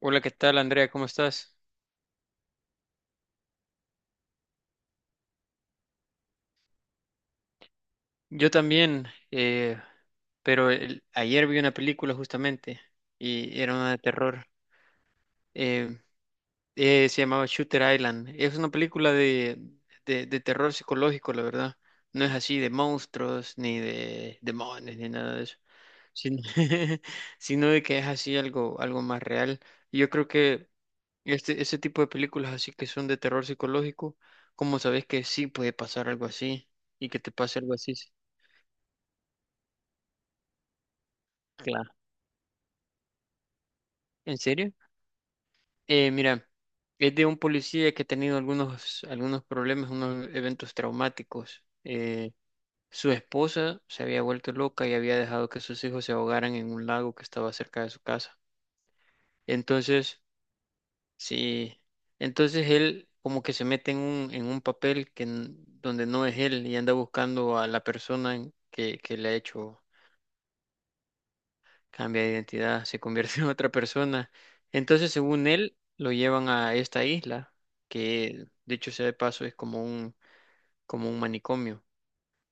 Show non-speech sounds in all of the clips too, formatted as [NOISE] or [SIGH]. Hola, ¿qué tal, Andrea? ¿Cómo estás? Yo también, pero ayer vi una película justamente y era una de terror. eh, Se llamaba Shooter Island. Es una película de terror psicológico, la verdad. No es así de monstruos, ni de demonios, ni nada de eso, sino, [LAUGHS] sino de que es así algo más real. Yo creo que ese tipo de películas así que son de terror psicológico, ¿cómo sabes que sí puede pasar algo así? Y que te pase algo así. Claro. ¿En serio? Mira, es de un policía que ha tenido algunos problemas, unos eventos traumáticos. Su esposa se había vuelto loca y había dejado que sus hijos se ahogaran en un lago que estaba cerca de su casa. Entonces, sí, entonces él como que se mete en en un papel donde no es él y anda buscando a la persona que le ha hecho. Cambia de identidad, se convierte [LAUGHS] en otra persona. Entonces, según él, lo llevan a esta isla, que dicho sea de paso, es como como un manicomio,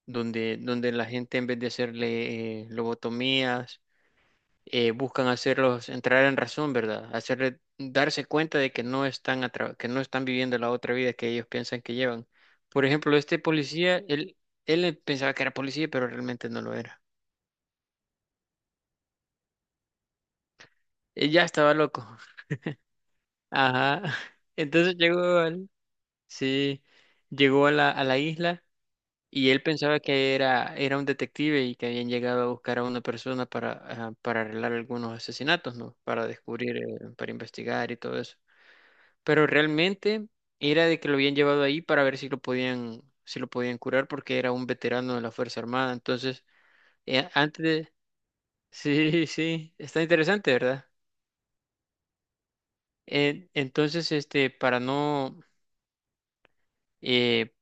donde la gente en vez de hacerle lobotomías, buscan hacerlos entrar en razón, ¿verdad? Hacerle darse cuenta de que no están que no están viviendo la otra vida que ellos piensan que llevan. Por ejemplo, este policía, él pensaba que era policía, pero realmente no lo era. Él ya estaba loco. Ajá. [LAUGHS] Entonces llegó al- Sí, llegó a a la isla y él pensaba que era un detective y que habían llegado a buscar a una persona para, ah, para arreglar algunos asesinatos, ¿no? Para descubrir, para investigar y todo eso. Pero realmente era de que lo habían llevado ahí para ver si lo si lo podían curar porque era un veterano de la Fuerza Armada. Entonces, antes de... [LAUGHS] Sí, sí, está interesante, ¿verdad? Entonces, este, para no... eh,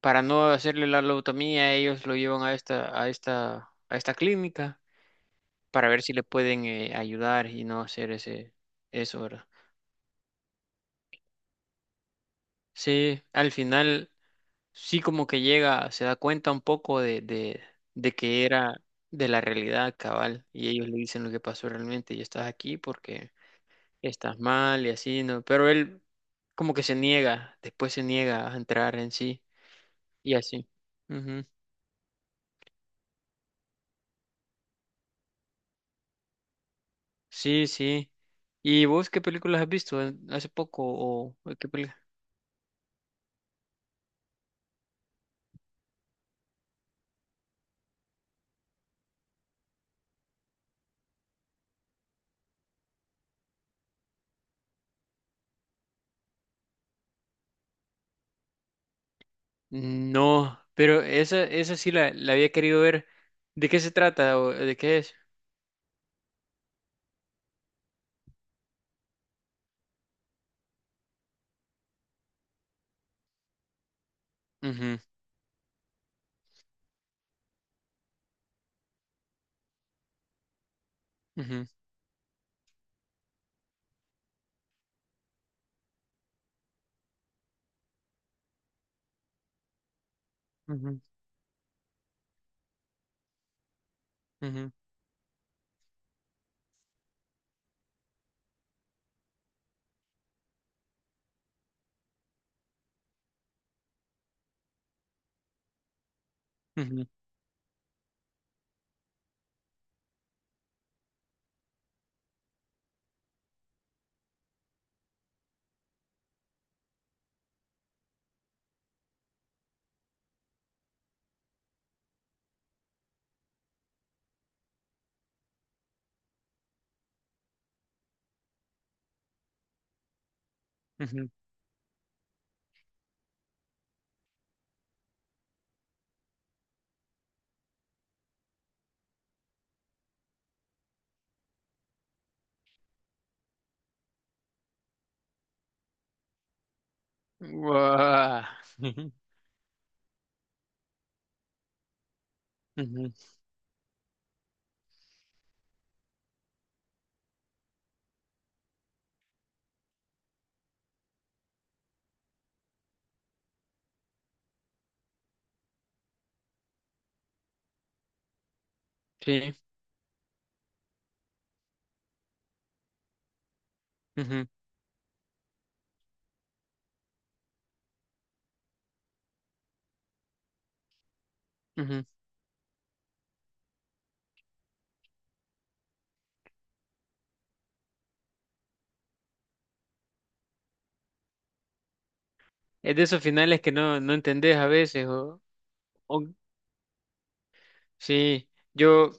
para no hacerle la lobotomía, ellos lo llevan a a esta clínica para ver si le pueden ayudar y no hacer eso, ¿verdad? Sí, al final sí como que llega, se da cuenta un poco de que era de la realidad cabal y ellos le dicen lo que pasó realmente y estás aquí porque estás mal y así, ¿no? Pero él como que se niega, después se niega a entrar en sí y así. Sí, sí. ¿Y vos qué películas has visto hace poco o qué película? No, pero esa sí la había querido ver. ¿De qué se trata o de qué es? Ujú, ujú, ujú, ujú, ujú, ujú. Guau. Ujú, ujú, Sí. ujú, ujú. Es de esos finales que no, no entendés a veces o- sí. Yo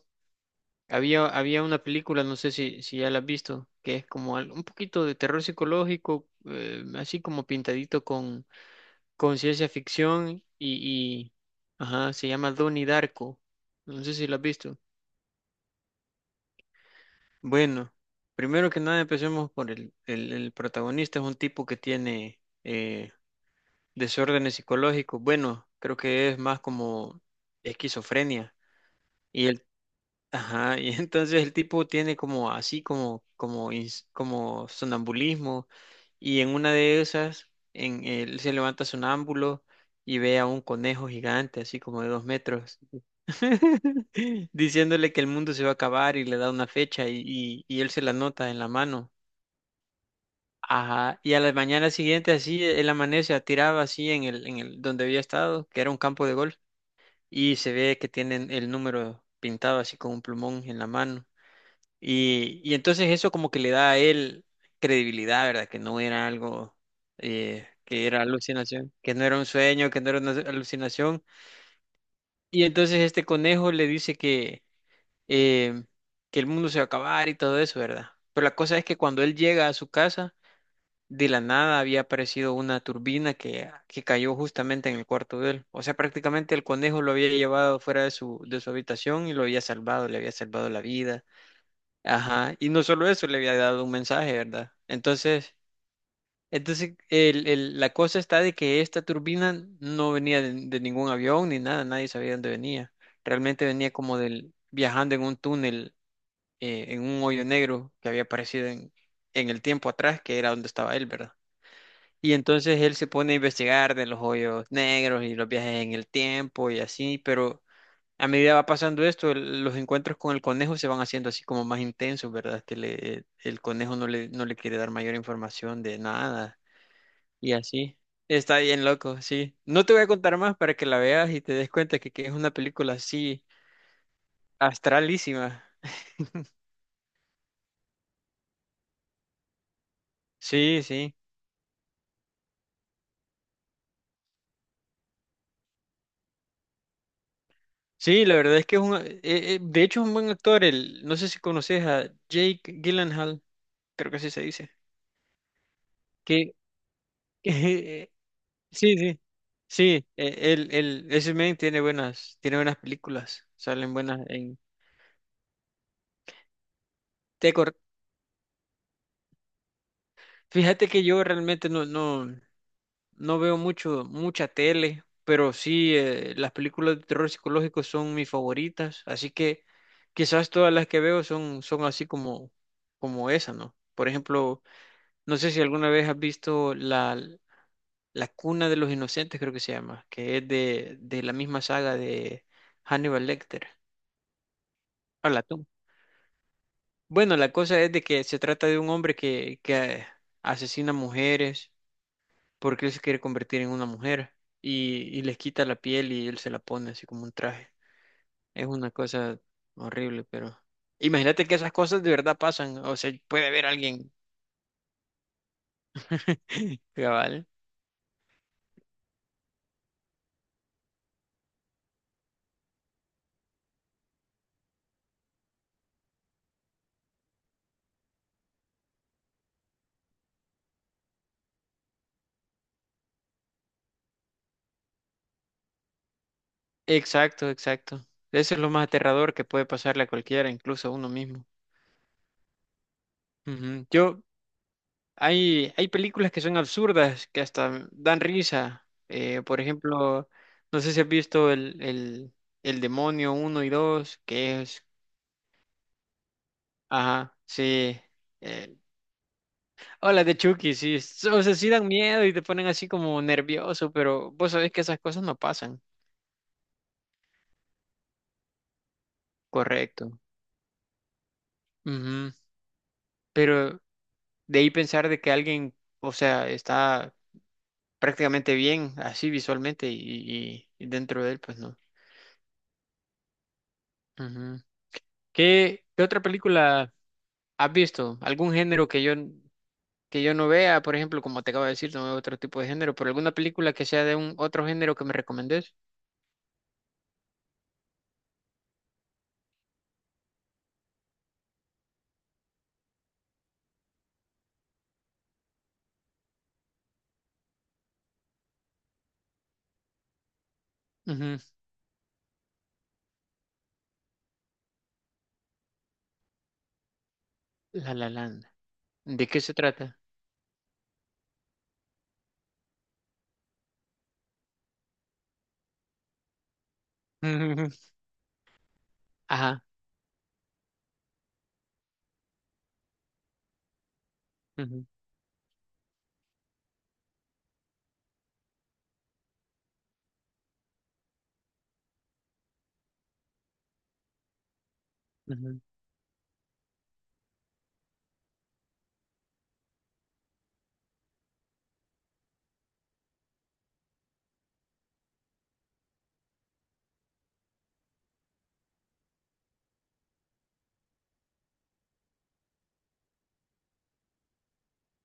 Había, había una película, no sé si ya la has visto, que es como un poquito de terror psicológico, así como pintadito con ciencia ficción ajá, se llama Donnie Darko. No sé si la has visto. Bueno, primero que nada empecemos por el protagonista, es un tipo que tiene desórdenes psicológicos. Bueno, creo que es más como esquizofrenia. Ajá, y [LAUGHS] entonces el tipo tiene como así como sonambulismo y en una de esas en él se levanta sonámbulo y ve a un conejo gigante así como de dos metros [LAUGHS] diciéndole que el mundo se va a acabar y le da una fecha y él se la nota en la mano. Ajá, y a la mañana siguiente así él amanece tirado así en el donde había estado, que era un campo de golf y se ve que tienen el número pintado así con un plumón en la mano. Y entonces eso como que le da a él credibilidad, ¿verdad? Que no era algo, que era alucinación, que no era un sueño, que no era una alucinación. Y entonces este conejo le dice eh, que el mundo se va a acabar y todo eso, ¿verdad? Pero la cosa es que cuando él llega a su casa, de la nada había aparecido una turbina que cayó justamente en el cuarto de él. O sea, prácticamente el conejo lo había llevado fuera de de su habitación y lo había salvado, le había salvado la vida. Ajá, y no solo eso, le había dado un mensaje, ¿verdad? Entonces, entonces la cosa está de que esta turbina no venía de ningún avión ni nada, nadie sabía dónde venía. Realmente venía como del viajando en un túnel, en un hoyo negro que había aparecido en el tiempo atrás, que era donde estaba él, ¿verdad? Y entonces él se pone a investigar de los hoyos negros y los viajes en el tiempo y así, pero a medida va pasando esto, los encuentros con el conejo se van haciendo así como más intensos, ¿verdad? Que le, el conejo no le quiere dar mayor información de nada y así. Está bien loco, sí. No te voy a contar más para que la veas y te des cuenta que es una película así astralísima. Sí, sí. Sí, la verdad es que es un... de hecho es un buen actor. El, no sé si conoces a Jake Gyllenhaal, creo que así se dice. Que [LAUGHS] Sí, sí. Sí, él, ese men tiene buenas películas, salen buenas en Tecor. Fíjate que yo realmente no veo mucho, mucha tele, pero sí, las películas de terror psicológico son mis favoritas, así que quizás todas las que veo son así como, como esa, ¿no? Por ejemplo, no sé si alguna vez has visto la Cuna de los Inocentes, creo que se llama, que es de la misma saga de Hannibal Lecter. Hola, bueno, la cosa es de que se trata de un hombre que asesina mujeres porque él se quiere convertir en una mujer y les quita la piel y él se la pone así como un traje. Es una cosa horrible, pero imagínate que esas cosas de verdad pasan, o sea, puede haber alguien [LAUGHS] cabal. Exacto, exacto. Eso es lo más aterrador que puede pasarle a cualquiera, incluso a uno mismo. Ujú. Hay, hay películas que son absurdas, que hasta dan risa. Por ejemplo, no sé si has visto el Demonio uno y 2 que es... Ajá, sí. eh, Hola de Chucky, sí. O sea, sí dan miedo y te ponen así como nervioso, pero vos sabés que esas cosas no pasan. Correcto. Ujú. Pero de ahí pensar de que alguien, o sea, está prácticamente bien así visualmente y dentro de él, pues no. Ujú. ¿Qué, qué otra película? ¿Has visto algún género que yo no vea? Por ejemplo, como te acabo de decir, no veo otro tipo de género, pero alguna película que sea de un otro género que me recomendés. Ujú. La La Land. ¿De qué se trata? Ujú. Ajá. Ujú, ujú,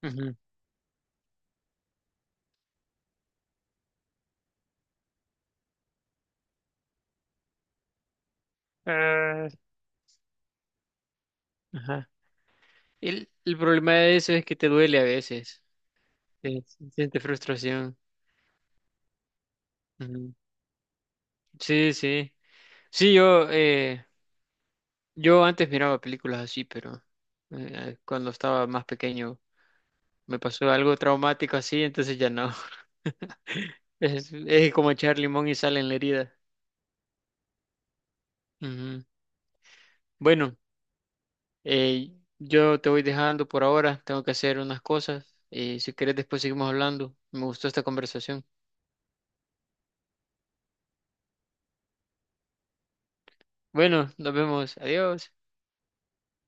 ujú. Ah, Ajá. El problema de eso es que te duele a veces. Sí, sí, sientes frustración. Ujú. Sí, sí. Sí, yo antes miraba películas así, pero cuando estaba más pequeño. Me pasó algo traumático así, entonces ya no. [LAUGHS] Es como echar limón y sal en la herida. Ujú. Bueno, eh, yo te voy dejando por ahora, tengo que hacer unas cosas y si quieres después seguimos hablando. Me gustó esta conversación. Bueno, nos vemos, adiós.